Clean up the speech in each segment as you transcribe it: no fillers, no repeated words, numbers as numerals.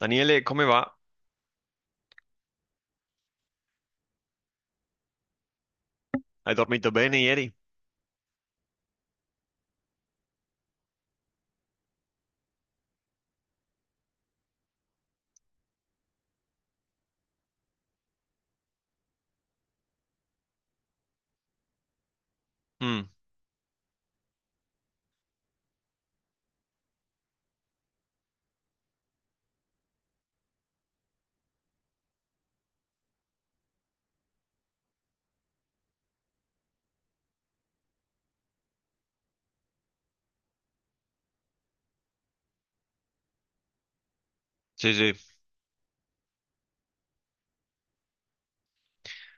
Daniele, come va? Hai dormito bene ieri? Mm, sì, sì,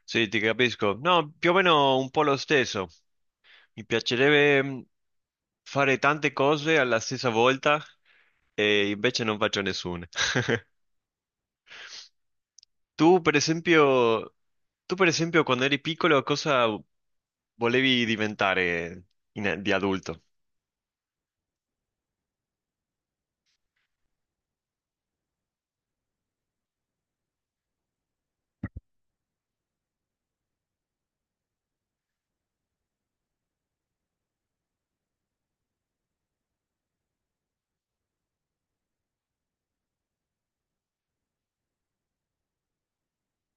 sì, ti capisco. No, più o meno un po' lo stesso. Mi piacerebbe fare tante cose alla stessa volta e invece non faccio nessuna. Tu, per esempio, tu, per esempio, quando eri piccolo, cosa volevi diventare di adulto?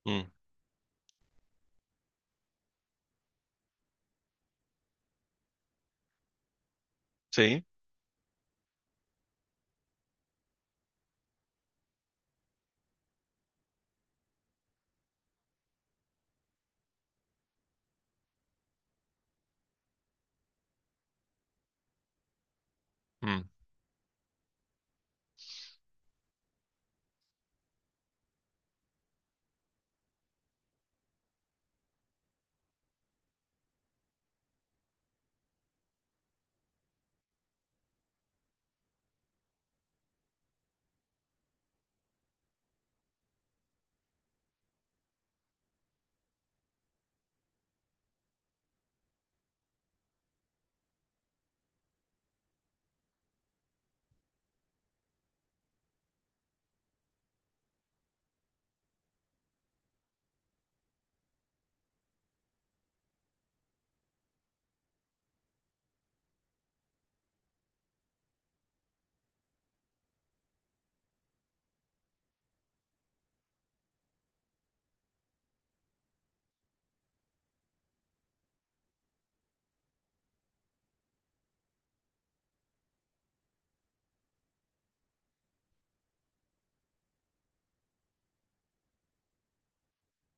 Mm, sì? Mm.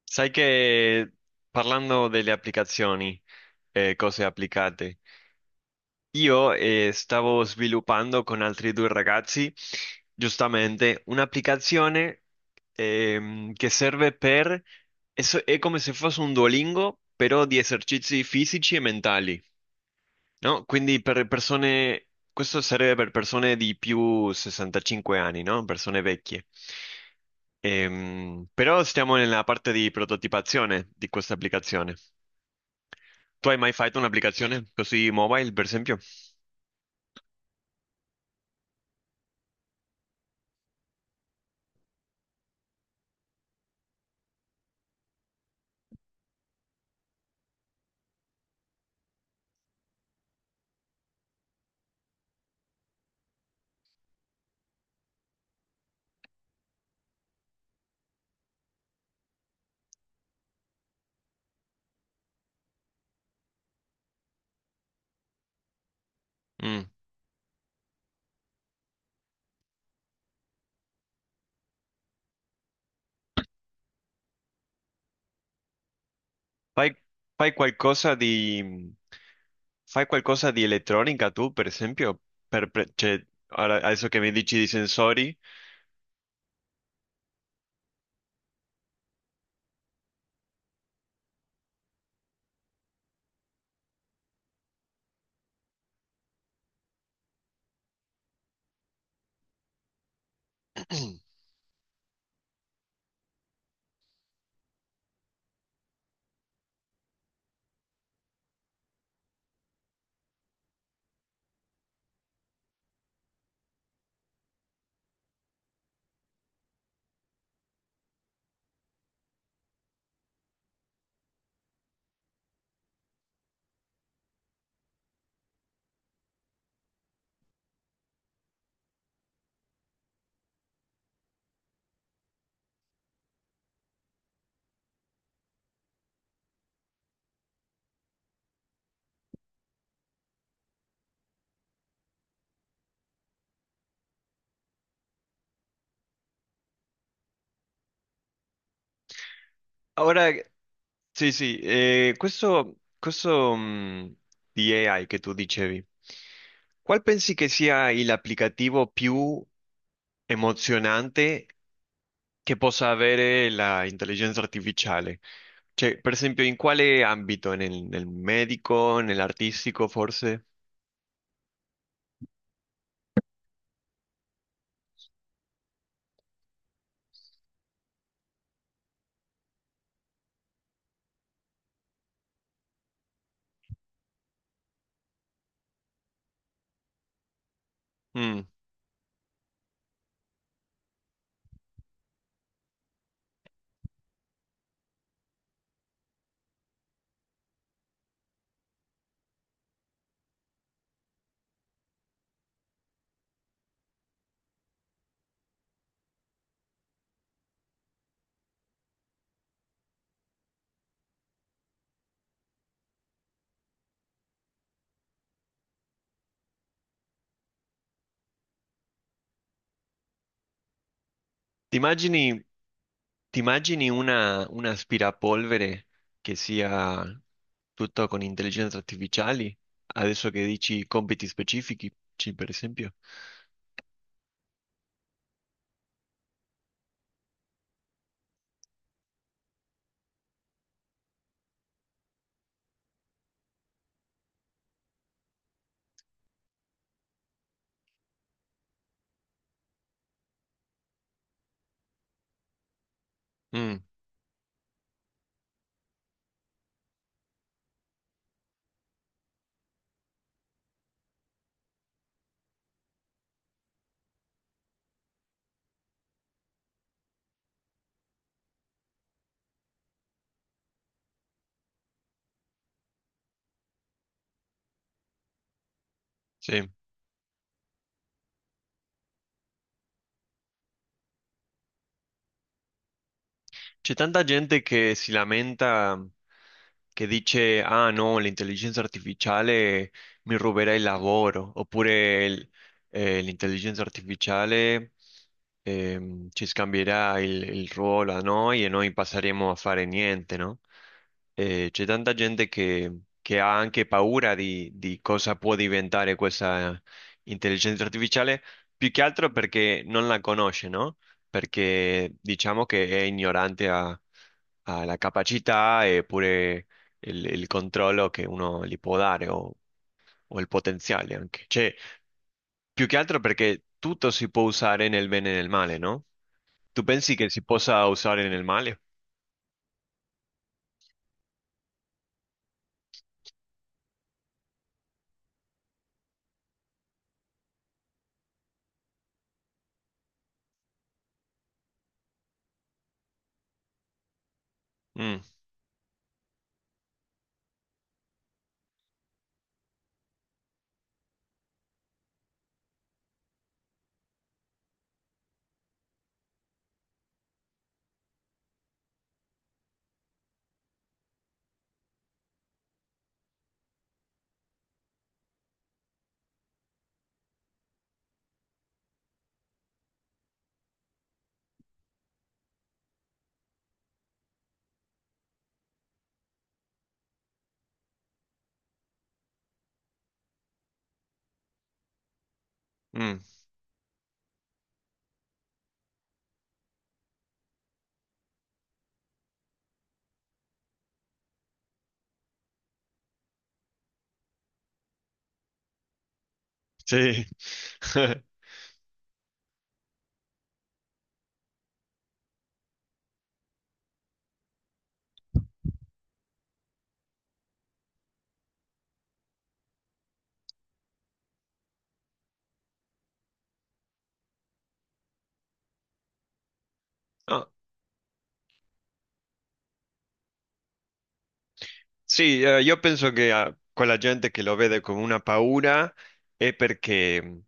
Sai che parlando delle applicazioni e cose applicate. Io stavo sviluppando con altri due ragazzi giustamente un'applicazione, che serve per... è come se fosse un Duolingo, però di esercizi fisici e mentali, no? Quindi per persone... questo serve per persone di più 65 anni, no? Persone vecchie. Però stiamo nella parte di prototipazione di questa applicazione. Tu hai mai fatto un'applicazione così mobile, per esempio? Mm. Fai, fai qualcosa di, fai qualcosa di elettronica tu, per esempio? Cioè, adesso che mi dici di sensori. Ora, sì, sì, di AI che tu dicevi, qual pensi che sia l'applicativo più emozionante che possa avere l'intelligenza artificiale? Cioè, per esempio, in quale ambito? Nel medico, nell'artistico, forse? Mm. Ti immagini, ti immagini una, un aspirapolvere che sia tutto con intelligenze artificiali? Adesso che dici compiti specifici, per esempio. Mm, sì. C'è tanta gente che si lamenta, che dice, ah no, l'intelligenza artificiale mi ruberà il lavoro, oppure l'intelligenza artificiale, ci scambierà il ruolo a noi e noi passeremo a fare niente, no? C'è tanta gente che ha anche paura di cosa può diventare questa intelligenza artificiale, più che altro perché non la conosce, no? Perché diciamo che è ignorante alla capacità e pure il controllo che uno gli può dare o il potenziale anche. Cioè, più che altro perché tutto si può usare nel bene e nel male, no? Tu pensi che si possa usare nel male? Mm, mm, sì. No, sì, io penso che quella gente che lo vede come una paura è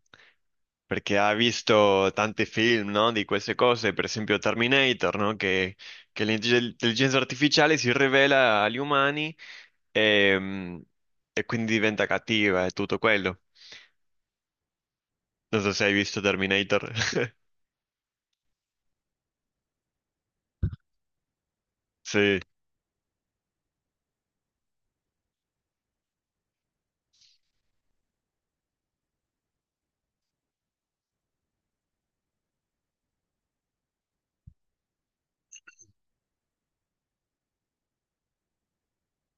perché ha visto tanti film, no, di queste cose, per esempio Terminator, no, che l'intelligenza artificiale si rivela agli umani e, e quindi diventa cattiva e tutto quello. Non so se hai visto Terminator. Sì,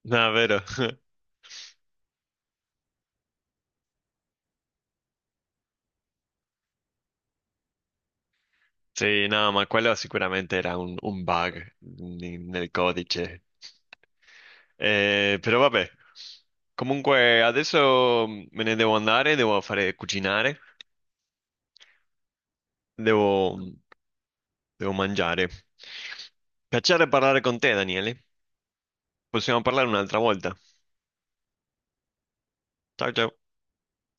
no, è vero. Sì, no, ma quello sicuramente era un nel codice. Però vabbè, comunque adesso me ne devo andare, devo fare cucinare, devo... devo mangiare. Piacere parlare con te, Daniele. Possiamo parlare un'altra volta. Ciao ciao.